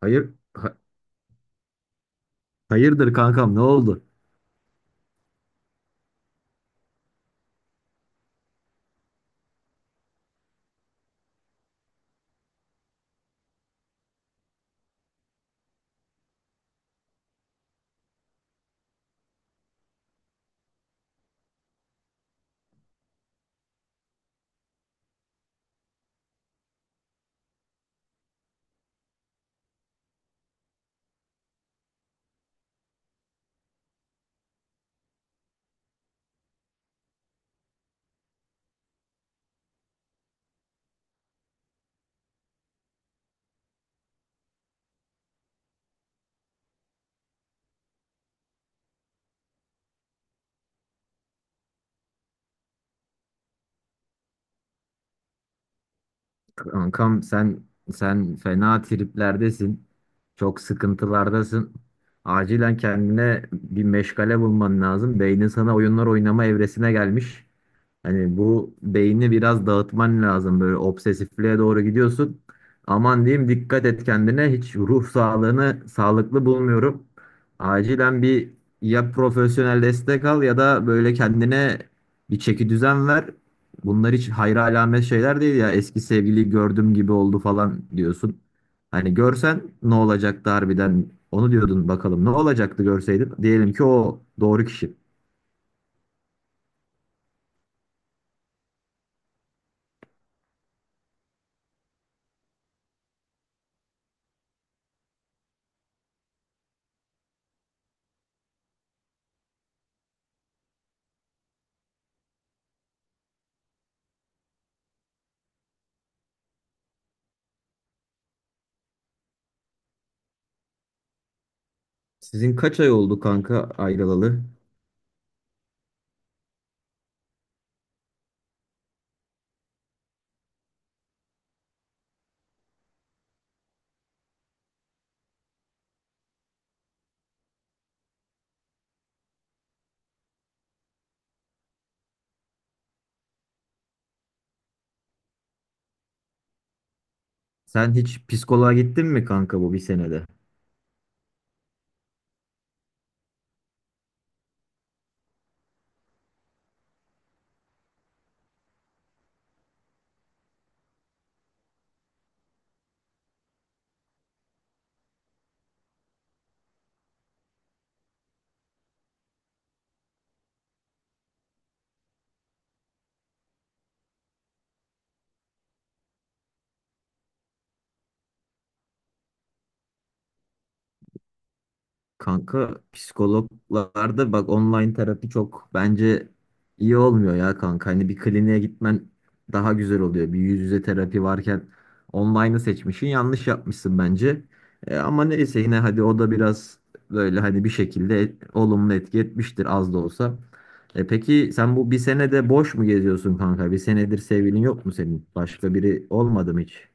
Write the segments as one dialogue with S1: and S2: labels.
S1: Hayır, hayırdır kankam, ne oldu? Kankam, sen fena triplerdesin. Çok sıkıntılardasın. Acilen kendine bir meşgale bulman lazım. Beynin sana oyunlar oynama evresine gelmiş. Hani bu beyni biraz dağıtman lazım. Böyle obsesifliğe doğru gidiyorsun. Aman diyeyim dikkat et kendine. Hiç ruh sağlığını sağlıklı bulmuyorum. Acilen bir, ya profesyonel destek al ya da böyle kendine bir çeki düzen ver. Bunlar hiç hayra alamet şeyler değil ya. Eski sevgili gördüm gibi oldu falan diyorsun. Hani görsen ne olacaktı harbiden? Onu diyordun, bakalım ne olacaktı görseydin? Diyelim ki o doğru kişi. Sizin kaç ay oldu kanka ayrılalı? Sen hiç psikoloğa gittin mi kanka bu bir senede? Kanka, psikologlarda bak, online terapi çok bence iyi olmuyor ya kanka. Hani bir kliniğe gitmen daha güzel oluyor. Bir yüz yüze terapi varken online'ı seçmişsin, yanlış yapmışsın bence. Ama neyse, yine hadi o da biraz böyle hani bir şekilde olumlu etki etmiştir az da olsa. Peki sen bu bir senede boş mu geziyorsun kanka? Bir senedir sevgilin yok mu senin? Başka biri olmadı mı hiç?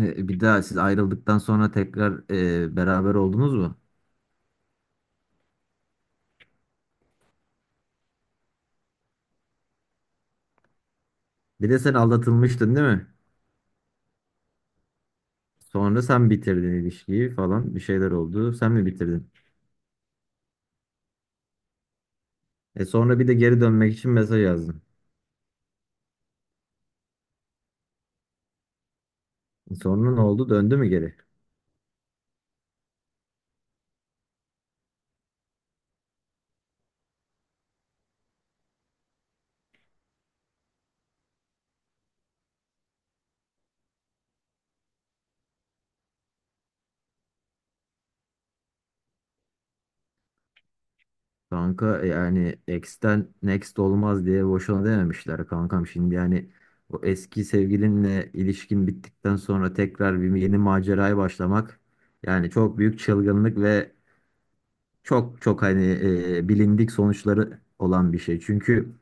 S1: Bir daha siz ayrıldıktan sonra tekrar beraber oldunuz mu? Bir de sen aldatılmıştın değil mi? Sonra sen bitirdin ilişkiyi falan, bir şeyler oldu. Sen mi bitirdin? E sonra bir de geri dönmek için mesaj yazdın. Sonra ne oldu? Döndü mü geri? Kanka, yani ex'ten next olmaz diye boşuna dememişler kankam. Şimdi yani o eski sevgilinle ilişkin bittikten sonra tekrar bir yeni maceraya başlamak yani çok büyük çılgınlık ve çok hani bilindik sonuçları olan bir şey. Çünkü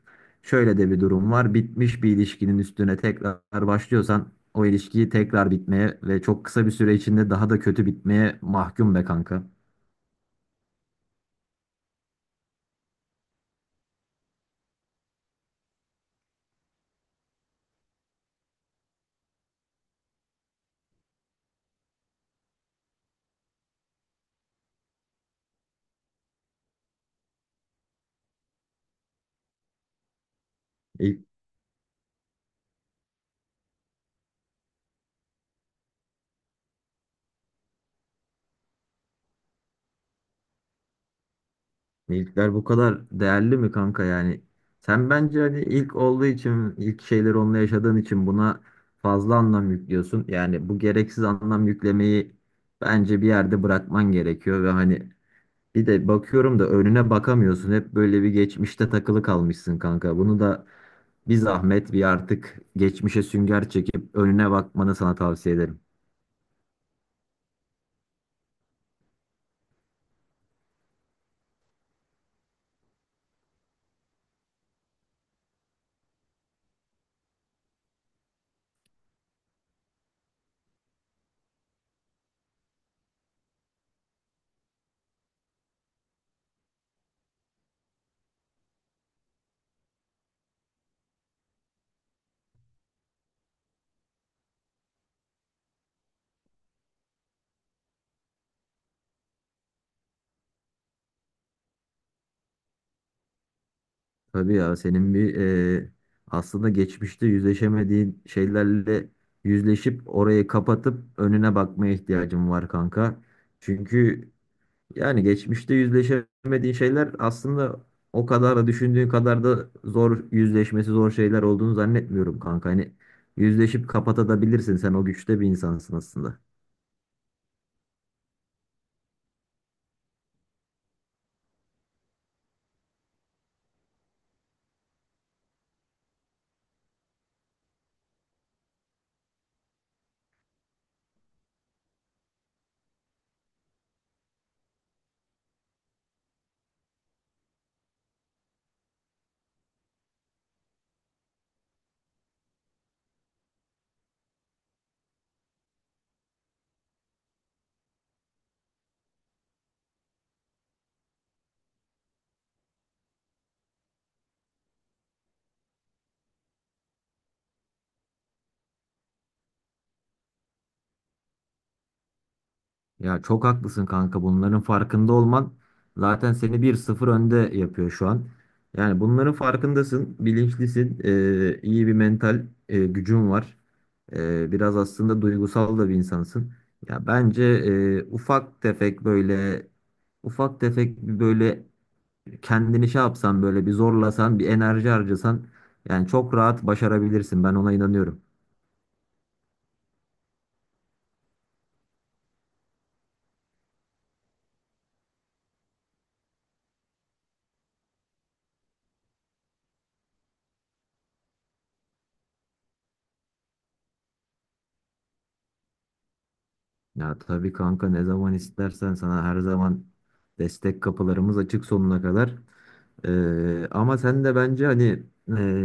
S1: şöyle de bir durum var. Bitmiş bir ilişkinin üstüne tekrar başlıyorsan o ilişkiyi tekrar bitmeye ve çok kısa bir süre içinde daha da kötü bitmeye mahkum be kanka. İlk, ilkler bu kadar değerli mi kanka yani? Sen bence hani ilk olduğu için, ilk şeyleri onunla yaşadığın için buna fazla anlam yüklüyorsun. Yani bu gereksiz anlam yüklemeyi bence bir yerde bırakman gerekiyor ve hani bir de bakıyorum da önüne bakamıyorsun. Hep böyle bir geçmişte takılı kalmışsın kanka. Bunu da bir zahmet bir artık geçmişe sünger çekip önüne bakmanı sana tavsiye ederim. Tabii ya, senin bir, e, aslında geçmişte yüzleşemediğin şeylerle yüzleşip orayı kapatıp önüne bakmaya ihtiyacın var kanka. Çünkü yani geçmişte yüzleşemediğin şeyler aslında o kadar da, düşündüğün kadar da zor, yüzleşmesi zor şeyler olduğunu zannetmiyorum kanka. Hani yüzleşip kapatabilirsin. Sen o güçte bir insansın aslında. Ya çok haklısın kanka. Bunların farkında olman zaten seni bir sıfır önde yapıyor şu an. Yani bunların farkındasın, bilinçlisin, iyi bir mental gücün var. Biraz aslında duygusal da bir insansın. Ya bence ufak tefek böyle, ufak tefek bir böyle, kendini şey yapsan, böyle bir zorlasan, bir enerji harcasan yani çok rahat başarabilirsin. Ben ona inanıyorum. Ya tabii kanka, ne zaman istersen sana her zaman destek kapılarımız açık sonuna kadar. Ama sen de bence hani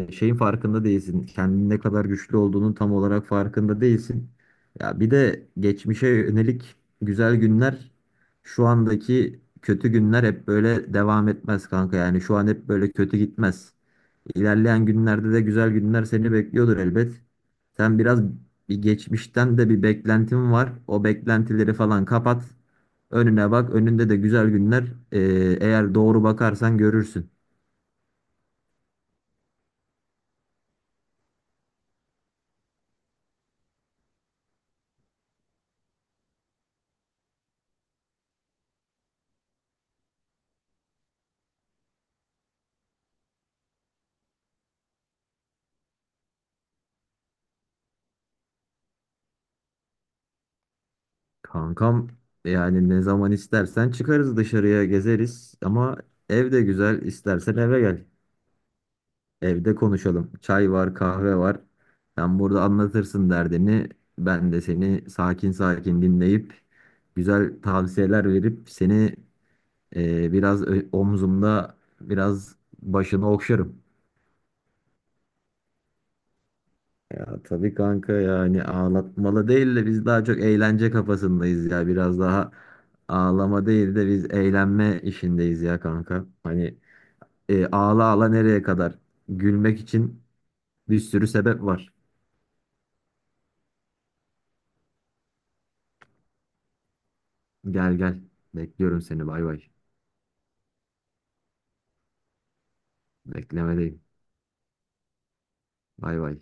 S1: şeyin farkında değilsin. Kendin ne kadar güçlü olduğunun tam olarak farkında değilsin. Ya bir de geçmişe yönelik güzel günler, şu andaki kötü günler hep böyle devam etmez kanka. Yani şu an hep böyle kötü gitmez. İlerleyen günlerde de güzel günler seni bekliyordur elbet. Sen biraz, bir geçmişten de bir beklentin var. O beklentileri falan kapat. Önüne bak. Önünde de güzel günler. Ee, Eğer doğru bakarsan görürsün. Kankam yani ne zaman istersen çıkarız dışarıya, gezeriz. Ama ev de güzel. İstersen eve gel. Evde konuşalım. Çay var, kahve var. Sen burada anlatırsın derdini. Ben de seni sakin sakin dinleyip güzel tavsiyeler verip seni, omzumda biraz başını okşarım. Ya tabii kanka, yani ağlatmalı değil de biz daha çok eğlence kafasındayız ya. Biraz daha ağlama değil de biz eğlenme işindeyiz ya kanka. Hani ağla ağla nereye kadar? Gülmek için bir sürü sebep var. Gel gel. Bekliyorum seni, bay bay. Beklemedeyim. Bay bay.